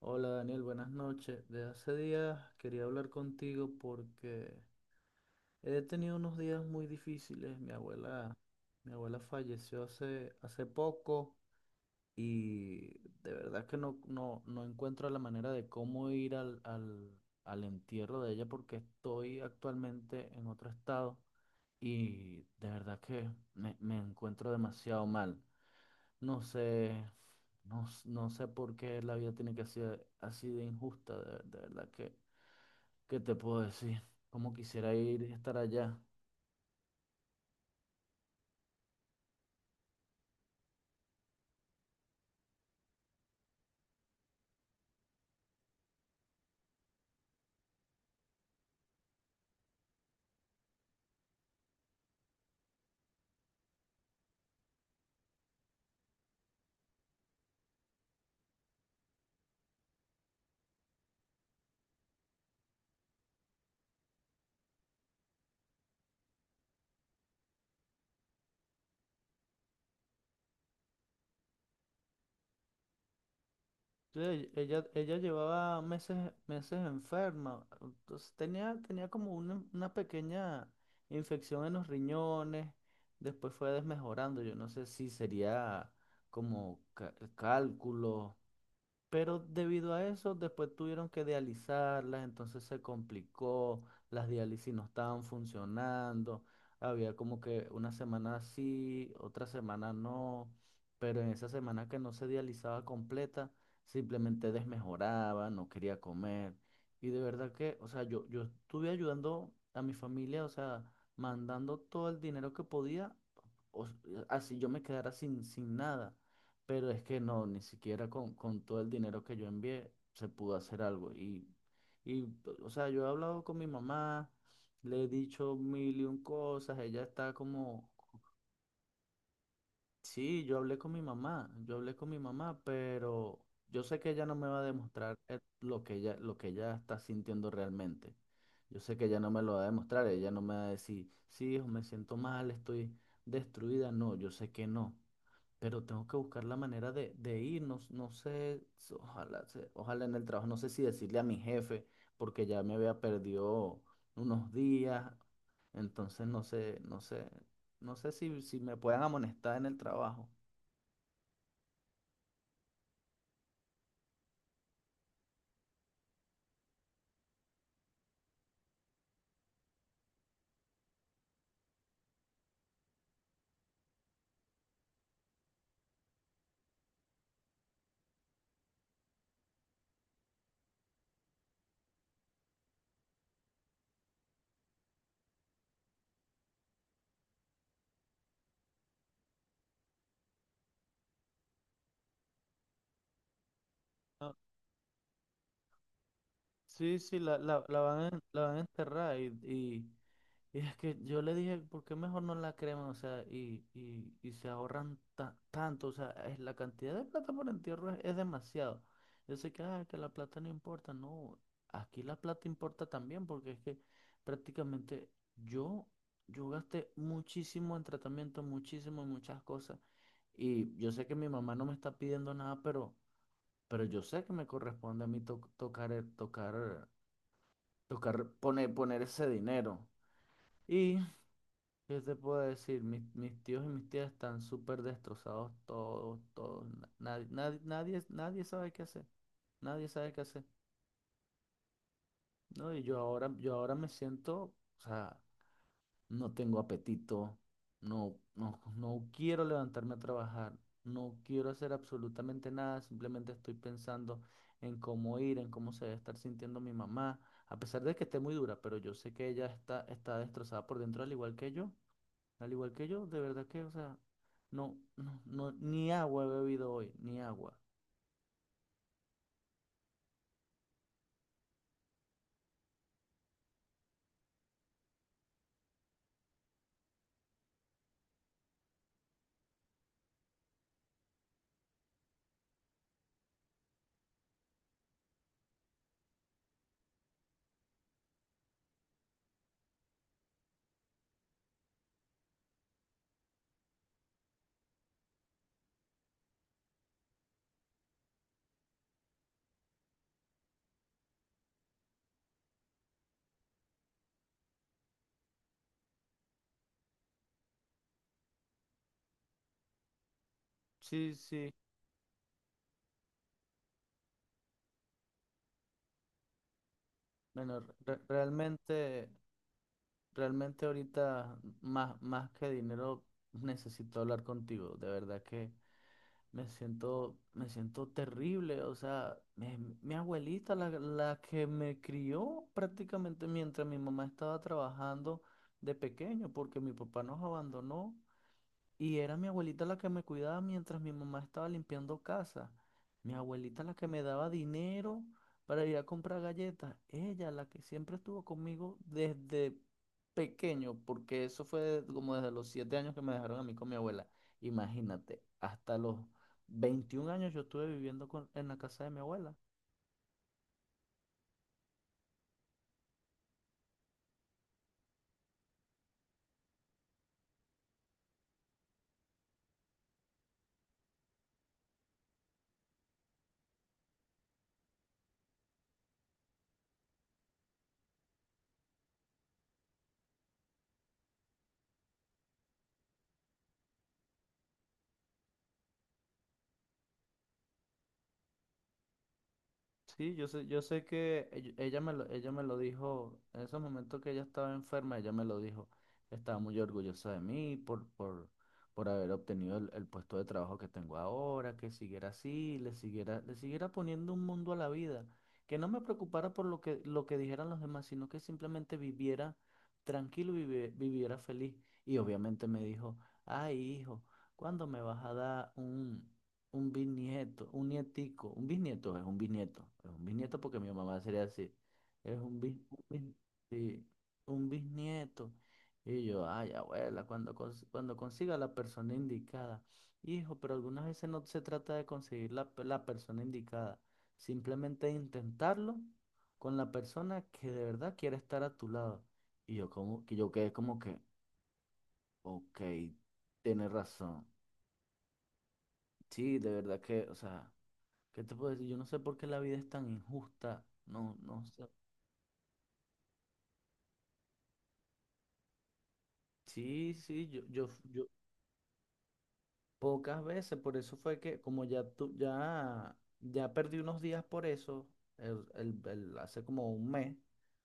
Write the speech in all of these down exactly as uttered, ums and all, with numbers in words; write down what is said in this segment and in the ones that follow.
Hola Daniel, buenas noches. De hace días quería hablar contigo porque he tenido unos días muy difíciles. Mi abuela, mi abuela falleció hace, hace poco y de verdad que no, no, no encuentro la manera de cómo ir al, al, al entierro de ella porque estoy actualmente en otro estado y de verdad que me, me encuentro demasiado mal. No sé, no, s- no sé por qué la vida tiene que ser así de injusta, de, de verdad que, ¿qué te puedo decir? Cómo quisiera ir y estar allá. Sí, Ella, ella llevaba meses, meses enferma, entonces tenía, tenía como una, una pequeña infección en los riñones, después fue desmejorando, yo no sé si sería como ca- cálculo. Pero debido a eso, después tuvieron que dializarlas, entonces se complicó, las diálisis no estaban funcionando, había como que una semana sí, otra semana no, pero en esa semana que no se dializaba completa, simplemente desmejoraba, no quería comer. Y de verdad que, o sea, yo, yo estuve ayudando a mi familia, o sea, mandando todo el dinero que podía, o s- así yo me quedara sin, sin nada. Pero es que no, ni siquiera con, con todo el dinero que yo envié se pudo hacer algo. Y, y, pues, o sea, yo he hablado con mi mamá, le he dicho mil y un cosas, ella está como, sí, yo hablé con mi mamá, yo hablé con mi mamá, pero yo sé que ella no me va a demostrar eh, lo que ella, lo que ella está sintiendo realmente. Yo sé que ella no me lo va a demostrar, ella no me va a decir, sí, hijo, me siento mal, estoy destruida. No, yo sé que no, pero tengo que buscar la manera de, de ir, no, no sé, s- ojalá, se- ojalá en el trabajo, no sé si decirle a mi jefe, porque ya me había perdido unos días, entonces no sé, no sé, no sé si, si me puedan amonestar en el trabajo. Ah, sí, sí, la, la, la van a, la van a enterrar. y, Y es que yo le dije, ¿por qué mejor no la creman? O sea, y, y, y se ahorran ta- tanto. O sea, es, la cantidad de plata por entierro es, es demasiado. Yo sé que, ah, que la plata no importa. No, aquí la plata importa también porque es que prácticamente yo, yo gasté muchísimo en tratamiento, muchísimo en muchas cosas. Y yo sé que mi mamá no me está pidiendo nada, pero, pero yo sé que me corresponde a mí to- tocar, el- tocar, tocar, poner, poner ese dinero. Y ¿qué te puedo decir? Mis, mis tíos y mis tías están súper destrozados todos, todos. Nadie, nadie, nadie, nadie sabe qué hacer. Nadie sabe qué hacer. No, y yo ahora, yo ahora me siento, o sea, no tengo apetito, no, no, no quiero levantarme a trabajar, no quiero hacer absolutamente nada, simplemente estoy pensando en cómo ir, en cómo se debe estar sintiendo mi mamá, a pesar de que esté muy dura, pero yo sé que ella está, está destrozada por dentro al igual que yo. Al igual que yo, de verdad que, o sea, no, no, no, ni agua he bebido hoy, ni agua. Sí, sí. Bueno, re- realmente, realmente ahorita más, más que dinero necesito hablar contigo. De verdad que me siento, me siento terrible. O sea, mi, mi abuelita, la, la que me crió prácticamente mientras mi mamá estaba trabajando de pequeño, porque mi papá nos abandonó. Y era mi abuelita la que me cuidaba mientras mi mamá estaba limpiando casa. Mi abuelita la que me daba dinero para ir a comprar galletas. Ella la que siempre estuvo conmigo desde pequeño, porque eso fue de- como desde los siete años que me dejaron a mí con mi abuela. Imagínate, hasta los veintiún años yo estuve viviendo con- en la casa de mi abuela. Sí, yo sé, yo sé que ell- ella me lo, ella me lo dijo, en ese momento que ella estaba enferma, ella me lo dijo. Estaba muy orgullosa de mí por, por, por haber obtenido el, el puesto de trabajo que tengo ahora, que siguiera así, le siguiera, le siguiera poniendo un mundo a la vida, que no me preocupara por lo que, lo que dijeran los demás, sino que simplemente viviera tranquilo, vivi- viviera feliz. Y obviamente me dijo, ay, hijo, ¿cuándo me vas a dar un... un bisnieto, un nietico, un bisnieto es un bisnieto, es un bisnieto porque mi mamá sería así, es un bis, un bis-, sí, un bisnieto. Y yo, ay, abuela, cuando, cons- cuando consiga la persona indicada, hijo, pero algunas veces no se trata de conseguir la, pe- la persona indicada, simplemente intentarlo con la persona que de verdad quiere estar a tu lado. Y yo, como, que yo quedé como que, ok, tienes razón, sí, de verdad que, o sea. ¿Qué te puedo decir? Yo no sé por qué la vida es tan injusta. No, no sé. Sí, sí, yo, yo, yo, pocas veces, por eso fue que como ya tú, ya, ya perdí unos días por eso, el, el- el- hace como un mes,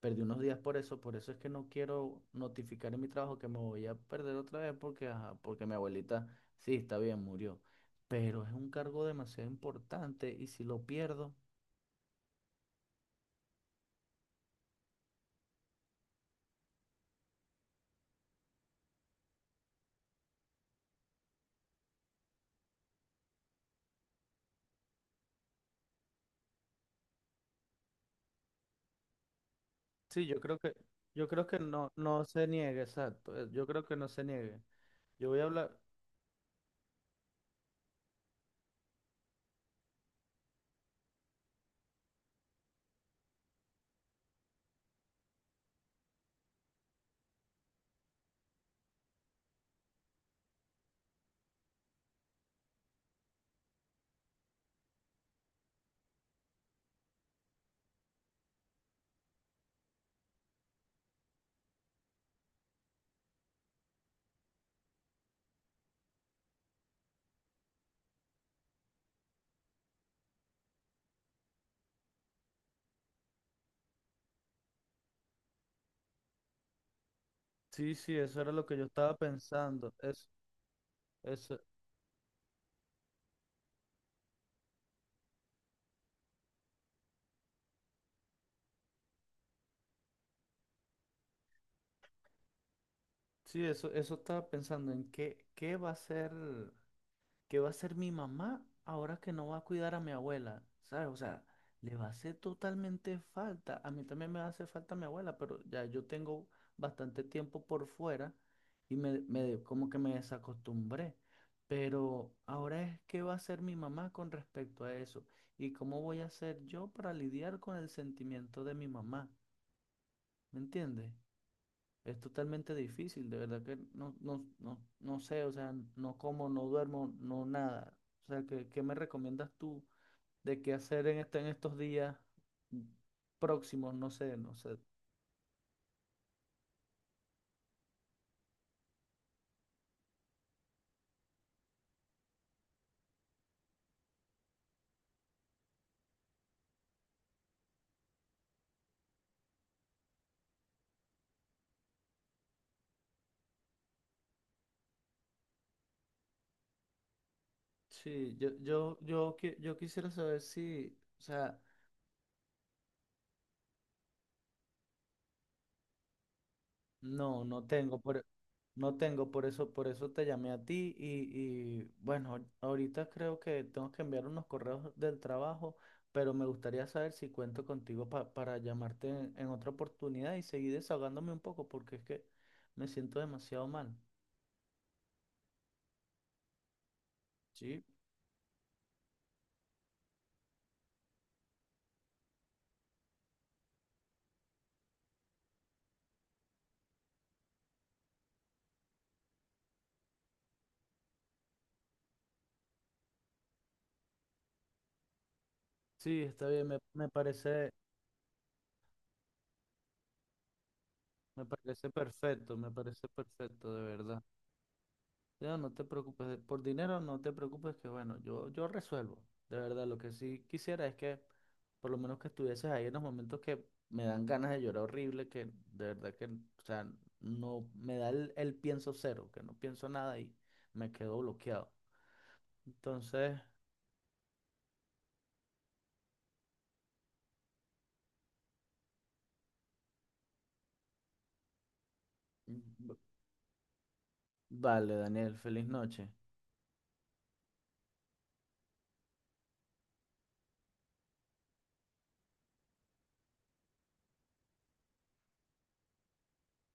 perdí unos días por eso, por eso es que no quiero notificar en mi trabajo que me voy a perder otra vez porque, ajá, porque mi abuelita, sí, está bien, murió, pero es un cargo demasiado importante y si lo pierdo, sí, yo creo que, yo creo que no, no se niegue, exacto, eh, yo creo que no se niegue. Yo voy a hablar. Sí, sí, eso era lo que yo estaba pensando. Eso, eso, sí, eso, eso estaba pensando en qué, qué va a ser, qué va a hacer mi mamá ahora que no va a cuidar a mi abuela, ¿sabes? O sea, le va a hacer totalmente falta. A mí también me va a hacer falta mi abuela, pero ya yo tengo bastante tiempo por fuera y me, me como que me desacostumbré. Pero ahora es qué va a hacer mi mamá con respecto a eso y cómo voy a hacer yo para lidiar con el sentimiento de mi mamá. ¿Me entiendes? Es totalmente difícil, de verdad que no, no, no, no sé, o sea, no como, no duermo, no nada. O sea, ¿qué, qué me recomiendas tú de qué hacer en este, en estos días próximos? No sé, no sé. Sí, yo, yo, yo, qui- yo quisiera saber si, o sea, no, no tengo, por, no tengo, por eso, por eso te llamé a ti y, y, bueno, ahorita creo que tengo que enviar unos correos del trabajo, pero me gustaría saber si cuento contigo pa- para llamarte en, en otra oportunidad y seguir desahogándome un poco porque es que me siento demasiado mal. Sí, sí, está bien, me, me parece, me parece perfecto, me parece perfecto, de verdad. Leo, no te preocupes, de- por dinero no te preocupes, que bueno, yo, yo resuelvo. De verdad, lo que sí quisiera es que por lo menos que estuvieses ahí en los momentos que me dan ganas de llorar horrible, que de verdad que, o sea, no me da el, el pienso cero, que no pienso nada y me quedo bloqueado. Entonces, mm, v- vale, Daniel, feliz noche.